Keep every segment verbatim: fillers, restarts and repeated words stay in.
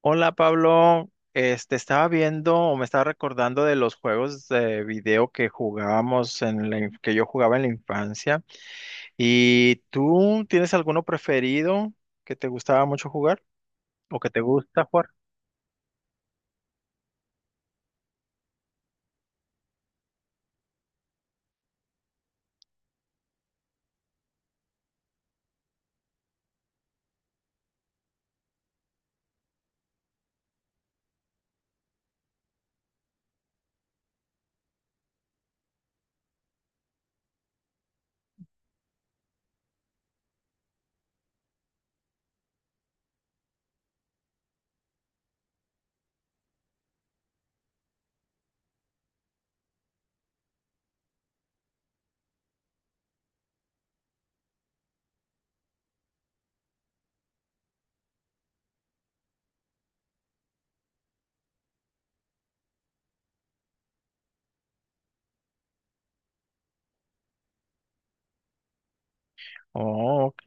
Hola Pablo, este estaba viendo o me estaba recordando de los juegos de video que jugábamos en la, in- que yo jugaba en la infancia. ¿Y tú tienes alguno preferido que te gustaba mucho jugar o que te gusta jugar? Oh, ok.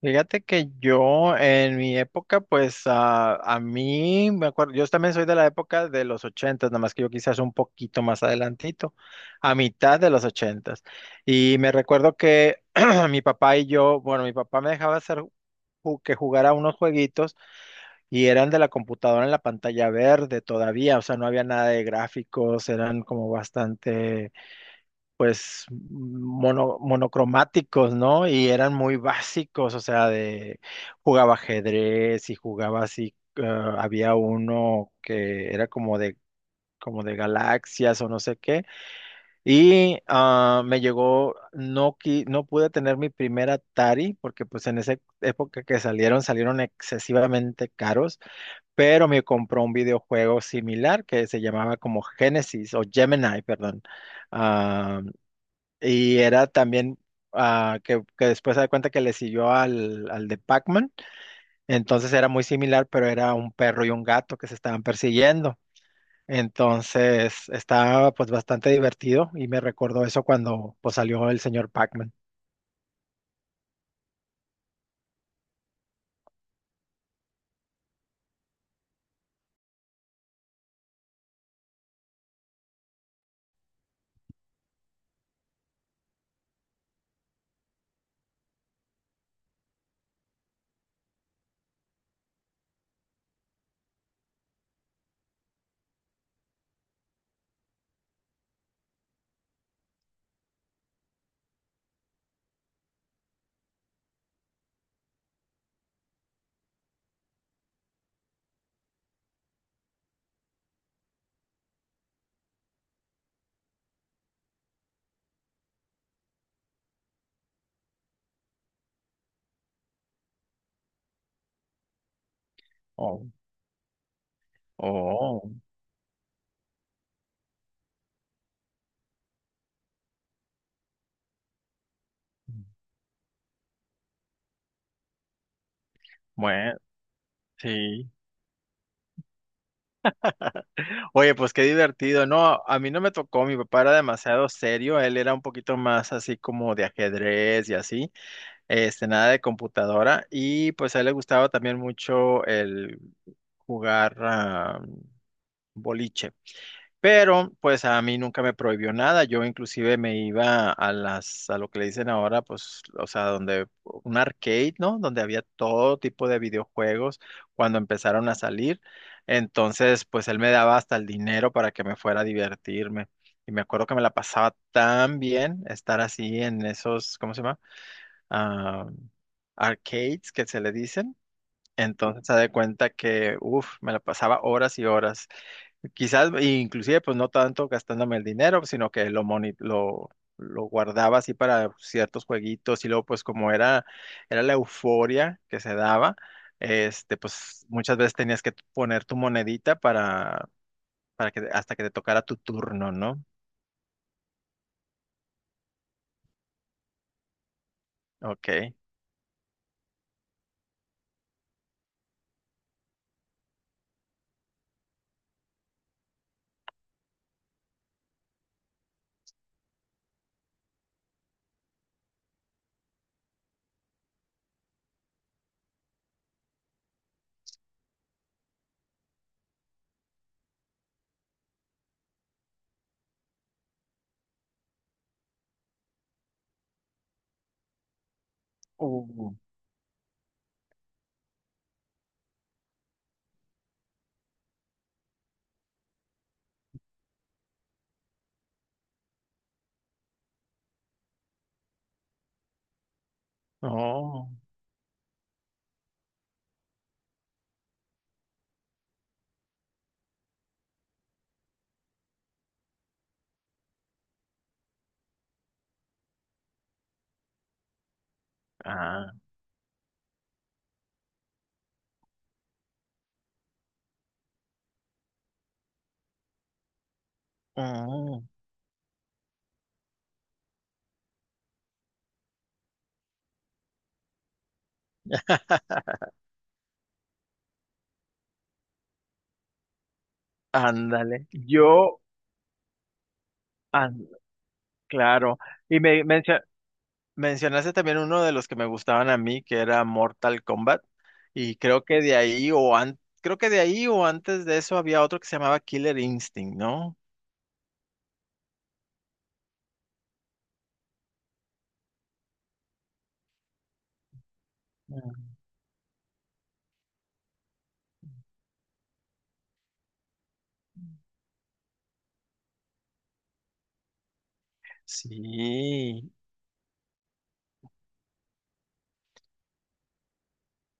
Fíjate que yo en mi época, pues ah, a mí me acuerdo, yo también soy de la época de los ochentas, nada más que yo quizás un poquito más adelantito, a mitad de los ochentas. Y me recuerdo que mi papá y yo, bueno, mi papá me dejaba hacer ju- que jugara unos jueguitos y eran de la computadora en la pantalla verde todavía, o sea, no había nada de gráficos, eran como bastante pues mono- monocromáticos, ¿no? Y eran muy básicos, o sea, de jugaba ajedrez y jugaba así, eh, había uno que era como de como de galaxias o no sé qué. Y ah, me llegó, no, qui- no pude tener mi primer Atari, porque pues en esa época que salieron, salieron excesivamente caros, pero me compró un videojuego similar que se llamaba como Genesis o Gemini, perdón. ah, y era también ah, que, que después se da cuenta que le siguió al, al de Pac-Man. Entonces era muy similar, pero era un perro y un gato que se estaban persiguiendo. Entonces estaba pues bastante divertido y me recordó eso cuando pues salió el señor Pac-Man. Oh, oh, bueno, sí. Oye, pues qué divertido. No, a mí no me tocó, mi papá era demasiado serio, él era un poquito más así como de ajedrez y así. Este, nada de computadora. Y pues a él le gustaba también mucho el jugar ah, boliche. Pero pues a mí nunca me prohibió nada. Yo inclusive me iba a las, a lo que le dicen ahora, pues, o sea, donde un arcade, ¿no? Donde había todo tipo de videojuegos cuando empezaron a salir. Entonces, pues él me daba hasta el dinero para que me fuera a divertirme. Y me acuerdo que me la pasaba tan bien estar así en esos, ¿cómo se llama? ah, arcades que se le dicen. Entonces se da cuenta que, uff, me la pasaba horas y horas. Quizás, e inclusive, pues no tanto gastándome el dinero, sino que lo, moni- lo, lo guardaba así para ciertos jueguitos y luego, pues como era, era la euforia que se daba, este, pues muchas veces tenías que poner tu monedita para, para que hasta que te tocara tu turno, ¿no? Ok. Uh. Oh, ah, mm, ándale. Yo ah, claro. Y me mencio- mencionaste también uno de los que me gustaban a mí, que era Mortal Kombat. Y creo que de ahí o an- creo que de ahí o antes de eso había otro que se llamaba Killer Instinct, ¿no? Mm. Sí.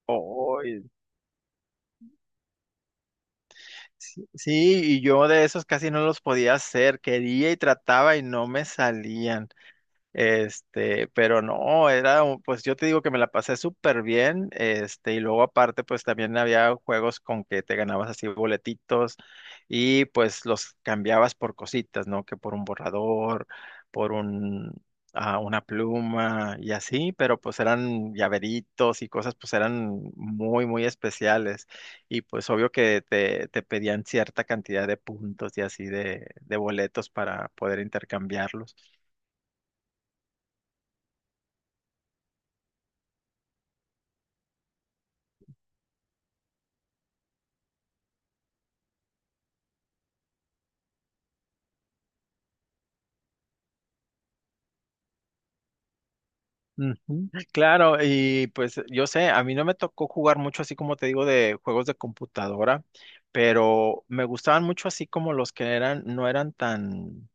Oh, sí, sí, y yo de esos casi no los podía hacer. Quería y trataba y no me salían. Este, pero no, era, un- pues yo te digo que me la pasé súper bien, este, y luego aparte, pues también había juegos con que te ganabas así boletitos y pues los cambiabas por cositas, ¿no? Que por un borrador, por un, ah, una pluma y así, pero pues eran llaveritos y cosas, pues eran muy, muy especiales. Y pues obvio que te, te pedían cierta cantidad de puntos y así de, de boletos para poder intercambiarlos. Ujú, claro, y pues yo sé, a mí no me tocó jugar mucho así como te digo de juegos de computadora, pero me gustaban mucho así como los que eran, no eran tan,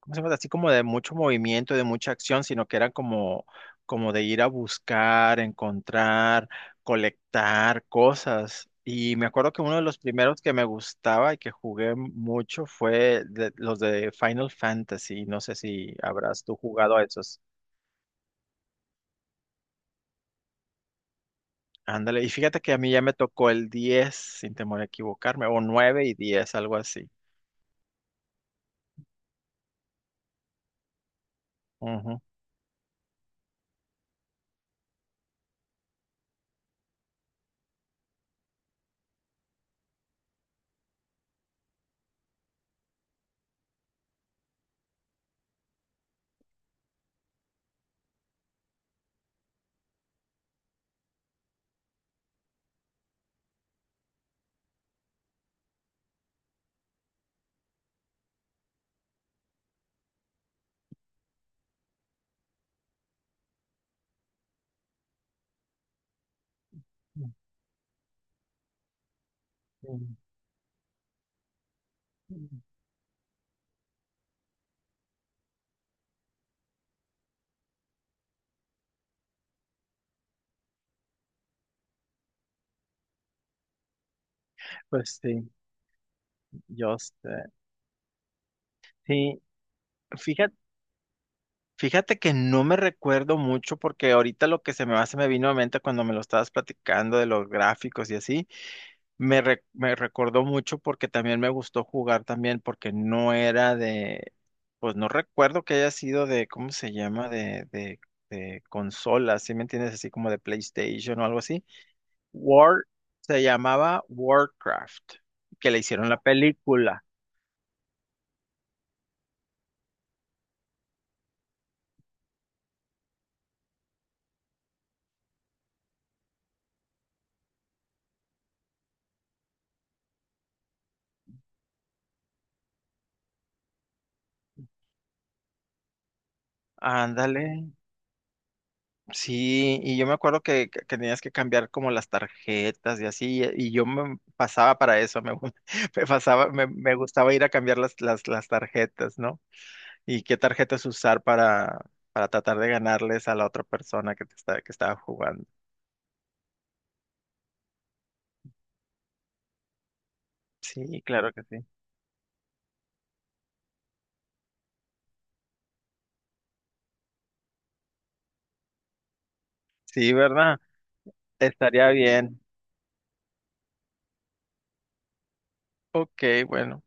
¿cómo se llama? Así como de mucho movimiento, de mucha acción, sino que eran como, como de ir a buscar, encontrar, colectar cosas. Y me acuerdo que uno de los primeros que me gustaba y que jugué mucho fue de- los de Final Fantasy. No sé si habrás tú jugado a esos. Ándale, y fíjate que a mí ya me tocó el diez sin temor a equivocarme, o nueve y diez algo así. Ujú. Ujú. Pues sí, yo sé. Sí, fíjate, fíjate que no me recuerdo mucho porque ahorita lo que se me va, se me vino a mente cuando me lo estabas platicando de los gráficos y así, me, re- me recordó mucho porque también me gustó jugar también porque no era de, pues no recuerdo que haya sido de, ¿cómo se llama? De, de, de consola, ¿sí me entiendes? Así como de PlayStation o algo así. War, Se llamaba Warcraft, que le hicieron la película. Ándale. Sí, y yo me acuerdo que, que- que tenías que cambiar como las tarjetas y así, eh, y yo me pasaba para eso, me, gu- me pasaba, me, me gustaba ir a cambiar las, las, las tarjetas, ¿no? Y qué tarjetas usar para, para tratar de ganarles a la otra persona que te está, que estaba jugando. Sí, claro que sí. Sí, ¿verdad? Estaría bien. Ok, bueno.